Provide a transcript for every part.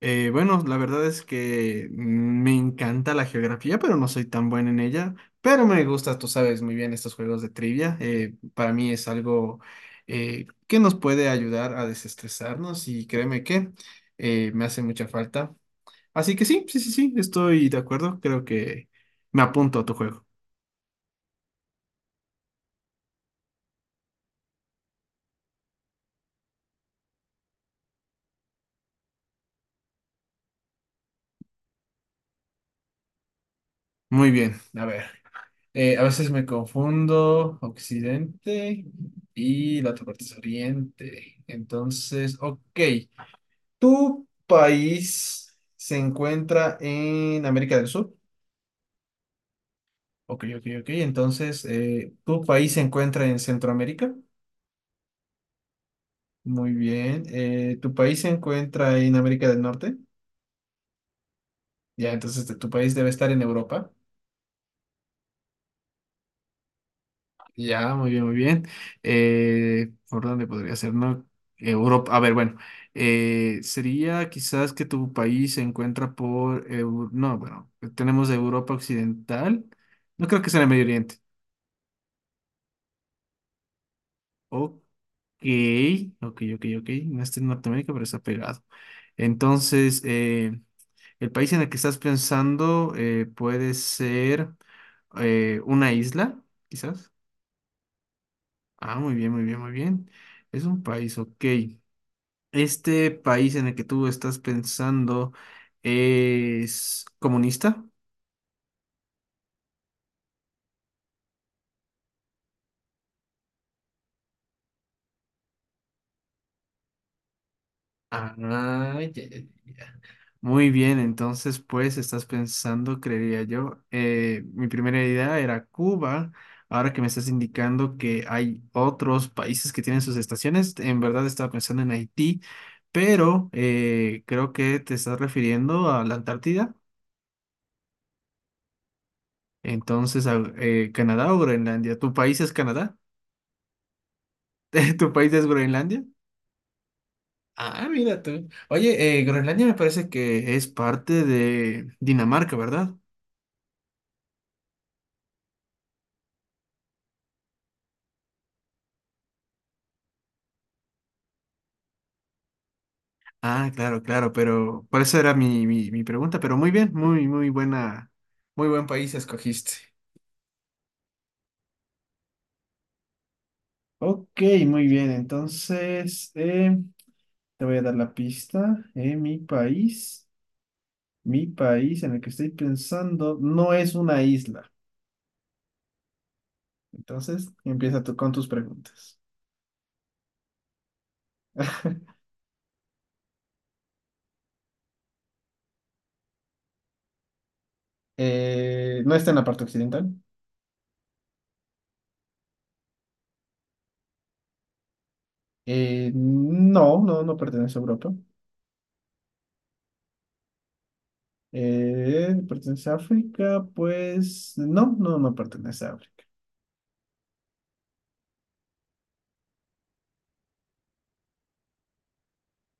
Bueno, la verdad es que me encanta la geografía, pero no soy tan buen en ella. Pero me gusta, tú sabes muy bien, estos juegos de trivia. Para mí es algo que nos puede ayudar a desestresarnos, y créeme que me hace mucha falta. Así que sí, sí, sí, sí, estoy de acuerdo. Creo que me apunto a tu juego. Muy bien, a ver. A veces me confundo Occidente y la otra parte es Oriente. Entonces, ok. ¿Tu país se encuentra en América del Sur? Ok, ok, ok. Entonces, ¿tu país se encuentra en Centroamérica? Muy bien. ¿Tu país se encuentra en América del Norte? Ya, entonces tu país debe estar en Europa. Ya, muy bien, muy bien. ¿Por dónde podría ser, no? Europa, a ver, bueno, sería quizás que tu país se encuentra por, no, bueno, tenemos Europa Occidental, no creo que sea en el Medio Oriente. Ok, ok, ok, ok. Ok. No está en Norteamérica, pero está pegado. Entonces, el país en el que estás pensando puede ser una isla, quizás. Ah, muy bien, muy bien, muy bien. Es un país, ok. ¿Este país en el que tú estás pensando es comunista? Ah, ya. Muy bien, entonces pues estás pensando, creería yo. Mi primera idea era Cuba. Ahora que me estás indicando que hay otros países que tienen sus estaciones, en verdad estaba pensando en Haití, pero creo que te estás refiriendo a la Antártida. Entonces, a, Canadá o Groenlandia. ¿Tu país es Canadá? ¿Tu país es Groenlandia? Ah, mira tú. Oye, Groenlandia me parece que es parte de Dinamarca, ¿verdad? Ah, claro, claro, pero por eso era mi pregunta, pero muy bien, muy, muy buena, muy buen país escogiste. Ok, muy bien, entonces te voy a dar la pista. Mi país, mi país en el que estoy pensando no es una isla. Entonces empieza tú con tus preguntas. No está en la parte occidental. No, no pertenece a Europa. ¿Pertenece a África? Pues no, no pertenece a África.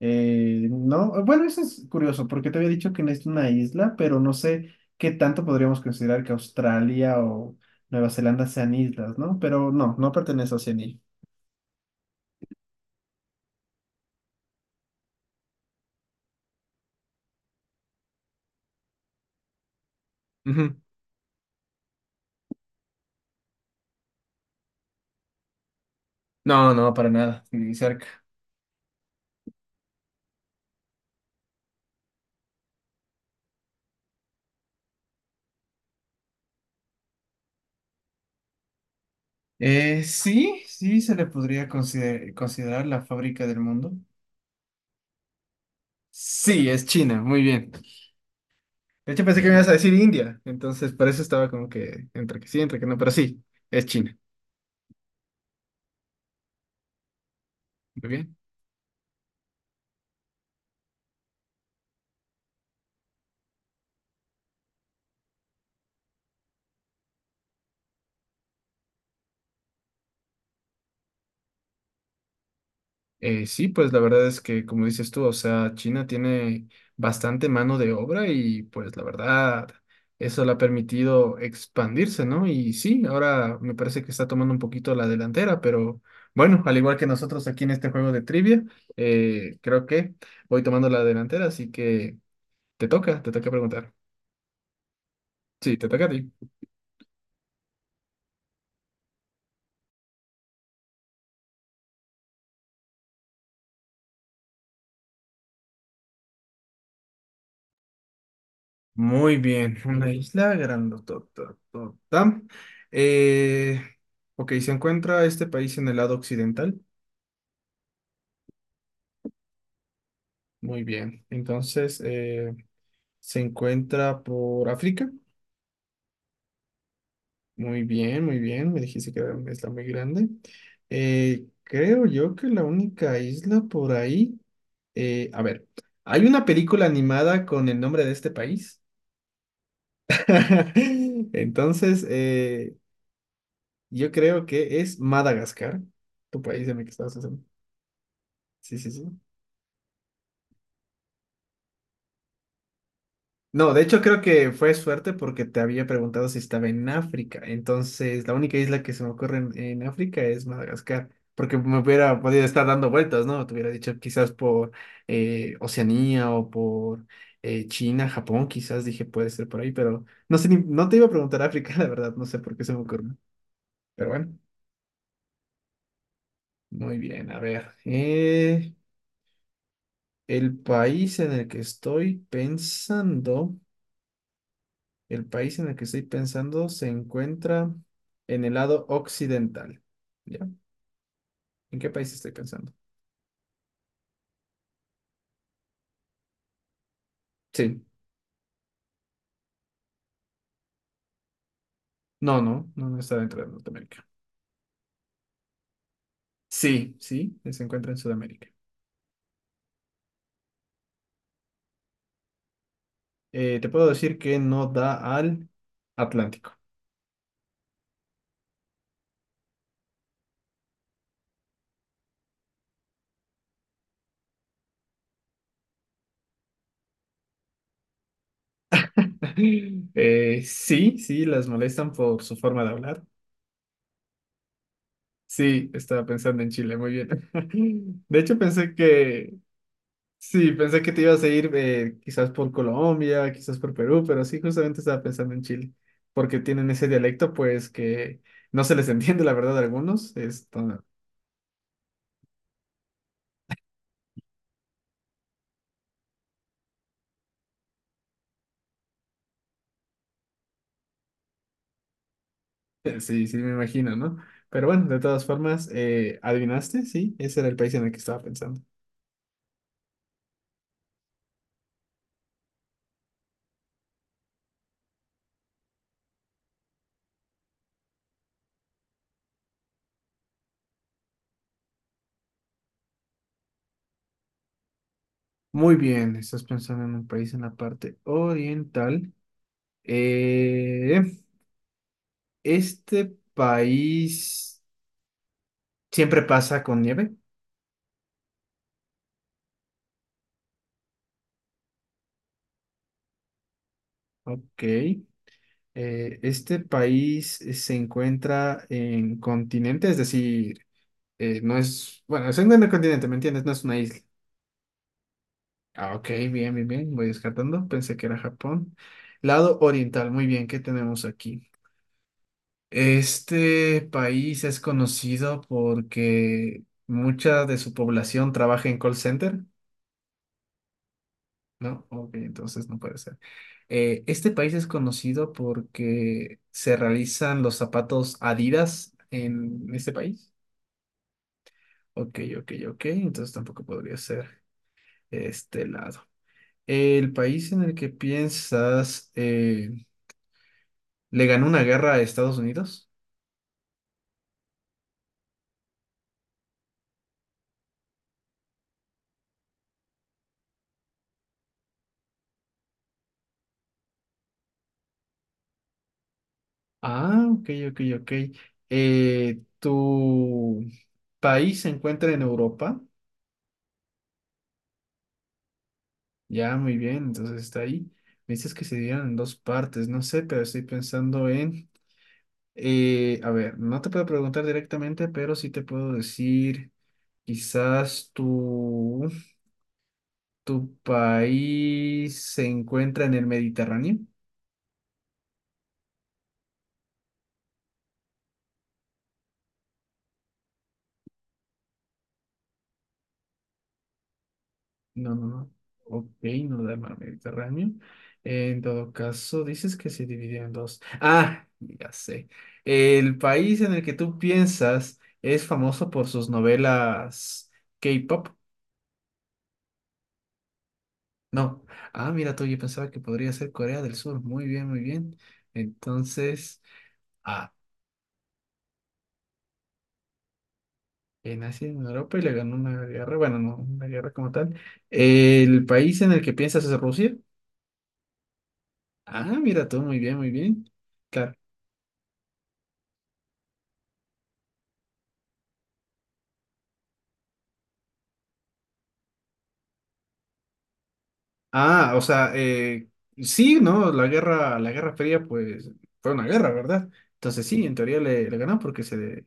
No, bueno, eso es curioso, porque te había dicho que no es una isla, pero no sé qué tanto podríamos considerar que Australia o Nueva Zelanda sean islas, ¿no? Pero no, no pertenece a Oceanía. Ujú. No, no, para nada, ni cerca. Sí, sí se le podría considerar la fábrica del mundo. Sí, es China, muy bien. De hecho, pensé que me ibas a decir India, entonces por eso estaba como que entre que sí, entre que no, pero sí, es China. Muy bien. Sí, pues la verdad es que, como dices tú, o sea, China tiene bastante mano de obra y pues la verdad, eso le ha permitido expandirse, ¿no? Y sí, ahora me parece que está tomando un poquito la delantera, pero bueno, al igual que nosotros aquí en este juego de trivia, creo que voy tomando la delantera, así que te toca preguntar. Sí, te toca a ti. Muy bien, una isla grandotototota. Eh, ok, se encuentra este país en el lado occidental. Muy bien. Entonces, se encuentra por África. Muy bien, muy bien. Me dijiste que era una isla muy grande. Creo yo que la única isla por ahí. A ver, hay una película animada con el nombre de este país. Entonces, yo creo que es Madagascar, tu país de mi que estabas haciendo. Sí, sí, sí. No, de hecho creo que fue suerte porque te había preguntado si estaba en África. Entonces, la única isla que se me ocurre en África es Madagascar, porque me hubiera podido estar dando vueltas, ¿no? Te hubiera dicho quizás por Oceanía o por China, Japón, quizás dije puede ser por ahí, pero no sé, no te iba a preguntar África, la verdad, no sé por qué se me ocurrió. Pero bueno, muy bien, a ver. El país en el que estoy pensando... El país en el que estoy pensando se encuentra en el lado occidental. ¿Ya? ¿En qué país estoy pensando? Sí. No, no, no, no está dentro de Norteamérica. Sí, sí, se encuentra en Sudamérica. Te puedo decir que no da al Atlántico. Sí, sí, las molestan por su forma de hablar. Sí, estaba pensando en Chile, muy bien. De hecho, pensé que sí, pensé que te ibas a ir quizás por Colombia, quizás por Perú, pero sí, justamente estaba pensando en Chile, porque tienen ese dialecto, pues que no se les entiende, la verdad, a algunos. Esto, sí, sí, me imagino, ¿no? Pero bueno, de todas formas, adivinaste, sí, ese era el país en el que estaba pensando. Muy bien, estás pensando en un país en la parte oriental. Eh, este país siempre pasa con nieve, ok. Este país se encuentra en continente, es decir, no es, bueno, se encuentra en el continente, ¿me entiendes? No es una isla. Ah, ok, bien, bien, bien, voy descartando, pensé que era Japón. Lado oriental, muy bien, ¿qué tenemos aquí? Este país es conocido porque mucha de su población trabaja en call center. No, ok, entonces no puede ser. Este país es conocido porque se realizan los zapatos Adidas en este país. Ok, ok, ok, entonces tampoco podría ser este lado. ¿El país en el que piensas le ganó una guerra a Estados Unidos? Ah, ok, ok, ok. ¿Tu país se encuentra en Europa? Ya, muy bien, entonces está ahí. Me dices que se dieron en dos partes, no sé, pero estoy pensando en, a ver, no te puedo preguntar directamente, pero sí te puedo decir, quizás tu, tu país se encuentra en el Mediterráneo. No, no, no. Ok, no da el mar Mediterráneo. En todo caso, dices que se dividió en dos. Ah, ya sé. El país en el que tú piensas es famoso por sus novelas K-pop. No. Ah, mira tú, yo pensaba que podría ser Corea del Sur. Muy bien, muy bien. Entonces, ah, nací en Europa y le ganó una guerra. Bueno, no una guerra como tal. ¿El país en el que piensas es Rusia? Ah, mira tú, muy bien, muy bien. Claro. Ah, o sea, sí, ¿no? La Guerra Fría, pues, fue una guerra, ¿verdad? Entonces sí, en teoría le, le ganó porque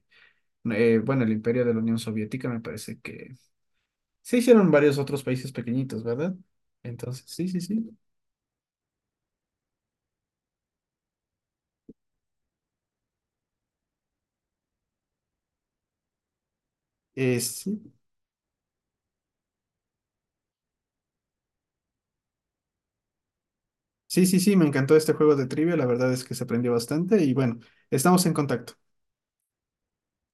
bueno, el imperio de la Unión Soviética me parece que se hicieron varios otros países pequeñitos, ¿verdad? Entonces, sí, sí, sí. Sí, sí, sí, sí, me encantó este juego de trivia, la verdad es que se aprendió bastante y bueno, estamos en contacto.